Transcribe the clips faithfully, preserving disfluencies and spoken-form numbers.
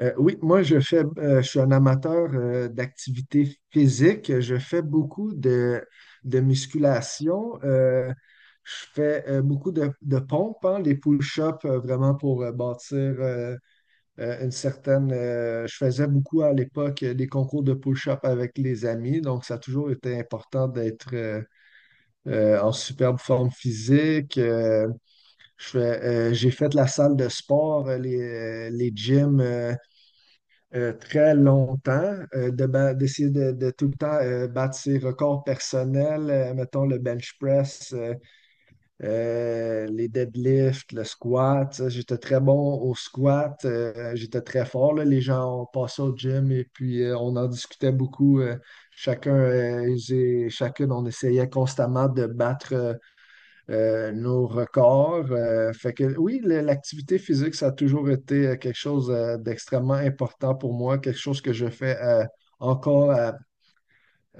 Euh, oui, moi je fais, euh, je suis un amateur euh, d'activité physique. Je fais beaucoup de, de musculation. Euh, je fais euh, beaucoup de, de pompes, hein, les pull-ups euh, vraiment pour euh, bâtir euh, euh, une certaine. Euh, je faisais beaucoup à l'époque euh, des concours de pull ups avec les amis, donc ça a toujours été important d'être euh, euh, en superbe forme physique. Euh, je fais, euh, j'ai fait la salle de sport, euh, les, euh, les gyms. Euh, euh, très longtemps, euh, de ba- d'essayer de, de tout le temps euh, battre ses records personnels, euh, mettons le bench press, euh, euh, les deadlifts, le squat. ça, J'étais très bon au squat, euh, j'étais très fort. Là. Les gens, on passait au gym et puis euh, on en discutait beaucoup. Euh, chacun, euh, et j'ai- chacune, on essayait constamment de battre euh, euh, nos records. Euh, fait que oui, le- l'activité physique, ça a toujours été euh, quelque chose euh, d'extrêmement important pour moi, quelque chose que je fais euh, encore à,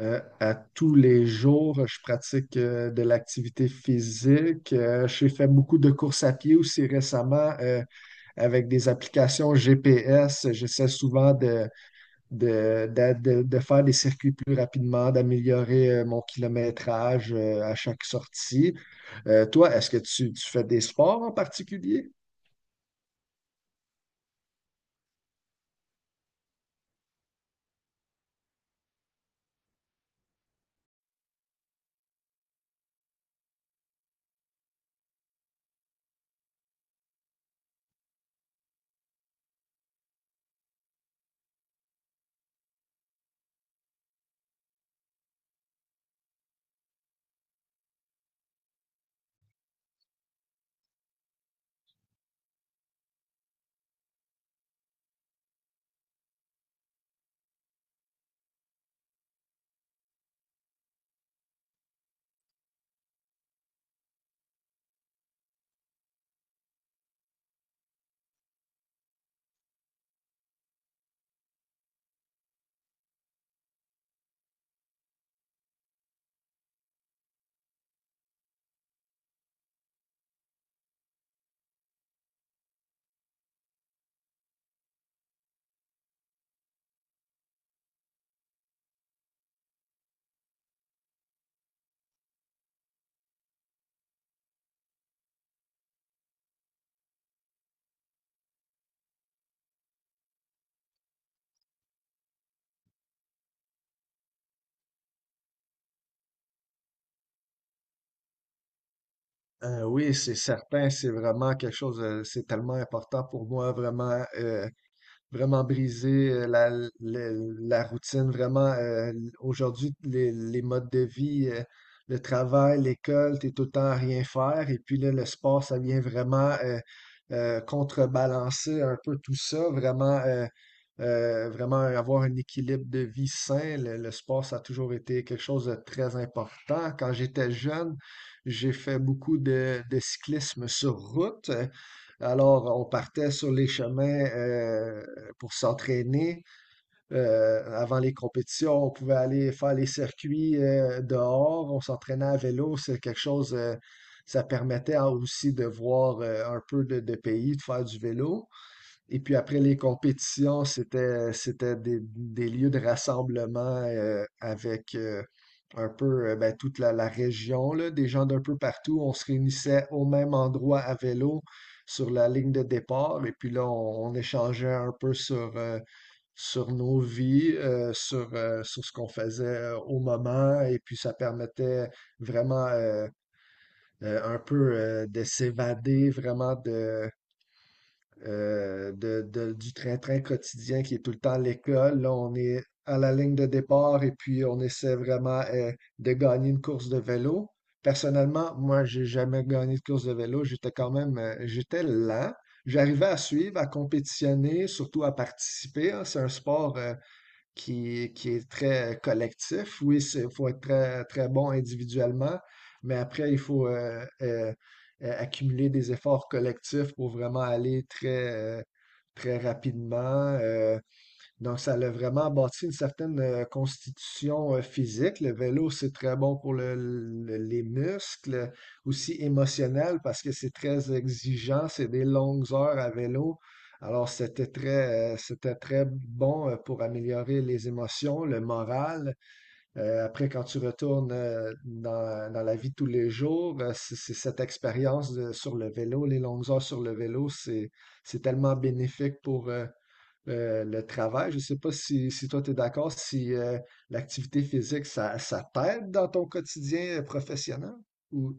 euh, à tous les jours. Je pratique euh, de l'activité physique. Euh, j'ai fait beaucoup de courses à pied aussi récemment euh, avec des applications G P S. J'essaie souvent de de, d'a- de- de faire des circuits plus rapidement, d'améliorer euh, mon kilométrage euh, à chaque sortie. Euh, toi, est-ce que tu, tu fais des sports en particulier? Euh, oui, c'est certain, c'est vraiment quelque chose, euh, c'est tellement important pour moi, vraiment. Euh, vraiment briser euh, la, la- la routine, vraiment euh, aujourd'hui, les, les modes de vie, euh, le travail, l'école, t'es tout le temps à rien faire. Et puis là, le sport, ça vient vraiment euh, euh, contrebalancer un peu tout ça, vraiment, euh, euh, vraiment avoir un équilibre de vie sain. Le, le sport, ça a toujours été quelque chose de très important. Quand j'étais jeune, j'ai fait beaucoup de, de cyclisme sur route. Alors, on partait sur les chemins euh, pour s'entraîner. Euh, avant les compétitions, on pouvait aller faire les circuits euh, dehors, on s'entraînait à vélo, c'est quelque chose, euh, ça permettait aussi de voir euh, un peu de, de pays, de faire du vélo. Et puis après les compétitions, c'était, c'était des, des lieux de rassemblement euh, avec euh, un peu euh, ben, toute la, la région, là, des gens d'un peu partout. On se réunissait au même endroit à vélo sur la ligne de départ et puis là, on, on échangeait un peu sur... euh, sur nos vies, euh, sur, euh, sur ce qu'on faisait euh, au moment, et puis ça permettait vraiment euh, euh, un peu euh, de s'évader vraiment de, euh, de, de- du train-train quotidien qui est tout le temps l'école. Là, on est à la ligne de départ et puis on essaie vraiment euh, de gagner une course de vélo. Personnellement, moi, j'ai jamais gagné de course de vélo. J'étais quand même, euh, j'étais lent. J'arrivais à suivre, à compétitionner, surtout à participer. hein. C'est un sport, euh, qui, qui est très collectif. Oui, il faut être très, très bon individuellement, mais après, il faut euh, euh, euh, accumuler des efforts collectifs pour vraiment aller très, euh, très rapidement. Euh, donc, ça a vraiment bâti une certaine euh, constitution euh, physique. Le vélo, c'est très bon pour le- le- les muscles, aussi émotionnel parce que c'est très exigeant, c'est des longues heures à vélo. Alors, c'était très, euh, c'était très bon euh, pour améliorer les émotions, le moral. Euh, après, quand tu retournes euh, dans, dans la vie de tous les jours, euh, c'est c'est cette expérience de- sur le vélo, les longues heures sur le vélo, c'est, c'est tellement bénéfique pour, euh, euh, le travail. Je ne sais pas si, si toi, tu es d'accord, si euh, l'activité physique, ça, ça t'aide dans ton quotidien euh, professionnel? Ou...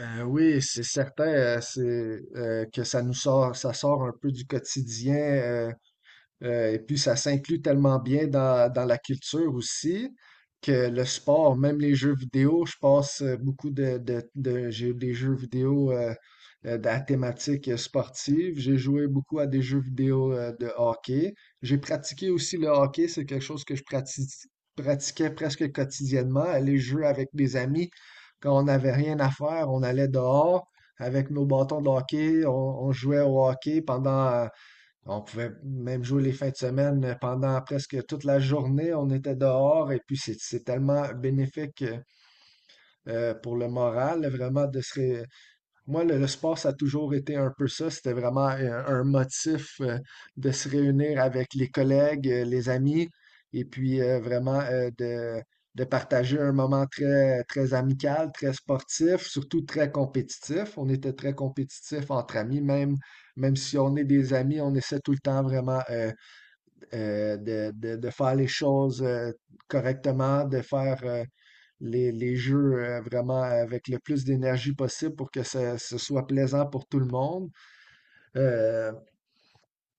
Euh, oui, c'est certain euh, c'est, euh, que ça nous sort, ça sort un peu du quotidien. Euh, Euh, et puis, ça s'inclut tellement bien dans, dans la culture aussi que le sport, même les jeux vidéo, je passe euh, beaucoup de, de, de- j'ai eu des jeux vidéo euh, euh, à thématique euh, sportive. J'ai joué beaucoup à des jeux vidéo euh, de hockey. J'ai pratiqué aussi le hockey. C'est quelque chose que je prati- pratiquais presque quotidiennement. Aller jouer avec des amis quand on n'avait rien à faire, on allait dehors avec nos bâtons de hockey. On, on jouait au hockey pendant on pouvait même jouer les fins de semaine euh, pendant presque toute la journée. On était dehors et puis c'est c'est tellement bénéfique euh, pour le moral, vraiment, de se, ré- moi, le, le sport, ça a toujours été un peu ça. C'était vraiment euh, un, motif euh, de se réunir avec les collègues, euh, les amis, et puis euh, vraiment euh, de, de partager un moment très, très amical, très sportif, surtout très compétitif. On était très compétitifs entre amis, même, même si on est des amis, on essaie tout le temps vraiment euh, euh, de, de, de faire les choses euh, correctement, de faire euh, les, les jeux euh, vraiment avec le plus d'énergie possible pour que ça- ce soit plaisant pour tout le monde. Euh,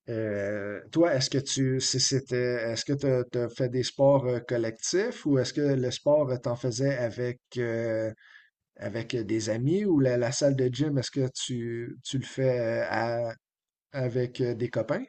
euh, Toi, est-ce que tu si c'était est-ce que tu t'as fait des sports euh, collectifs ou est-ce que le sport euh, t'en faisais avec euh, avec euh, des amis ou la, la salle de gym, est-ce que tu, tu le fais euh, à- avec euh, des copains?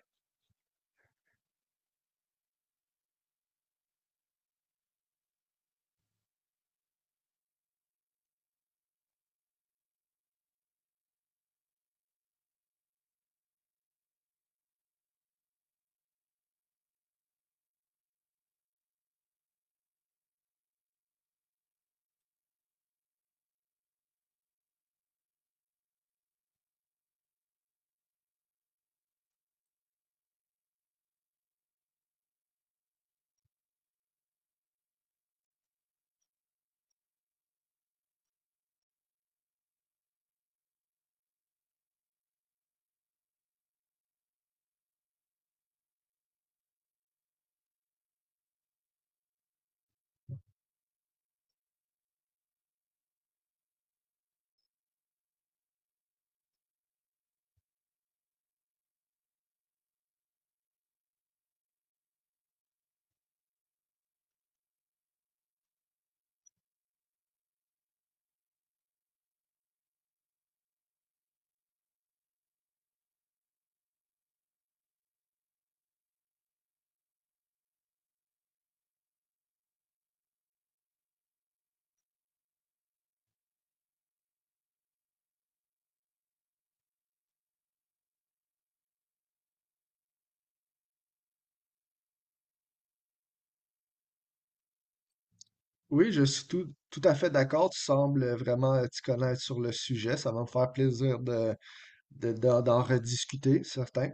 Oui, je suis tout, tout à fait d'accord. Tu sembles vraiment euh, t'y connaître sur le sujet. Ça va me faire plaisir de, de- d'en d'en rediscuter, certain.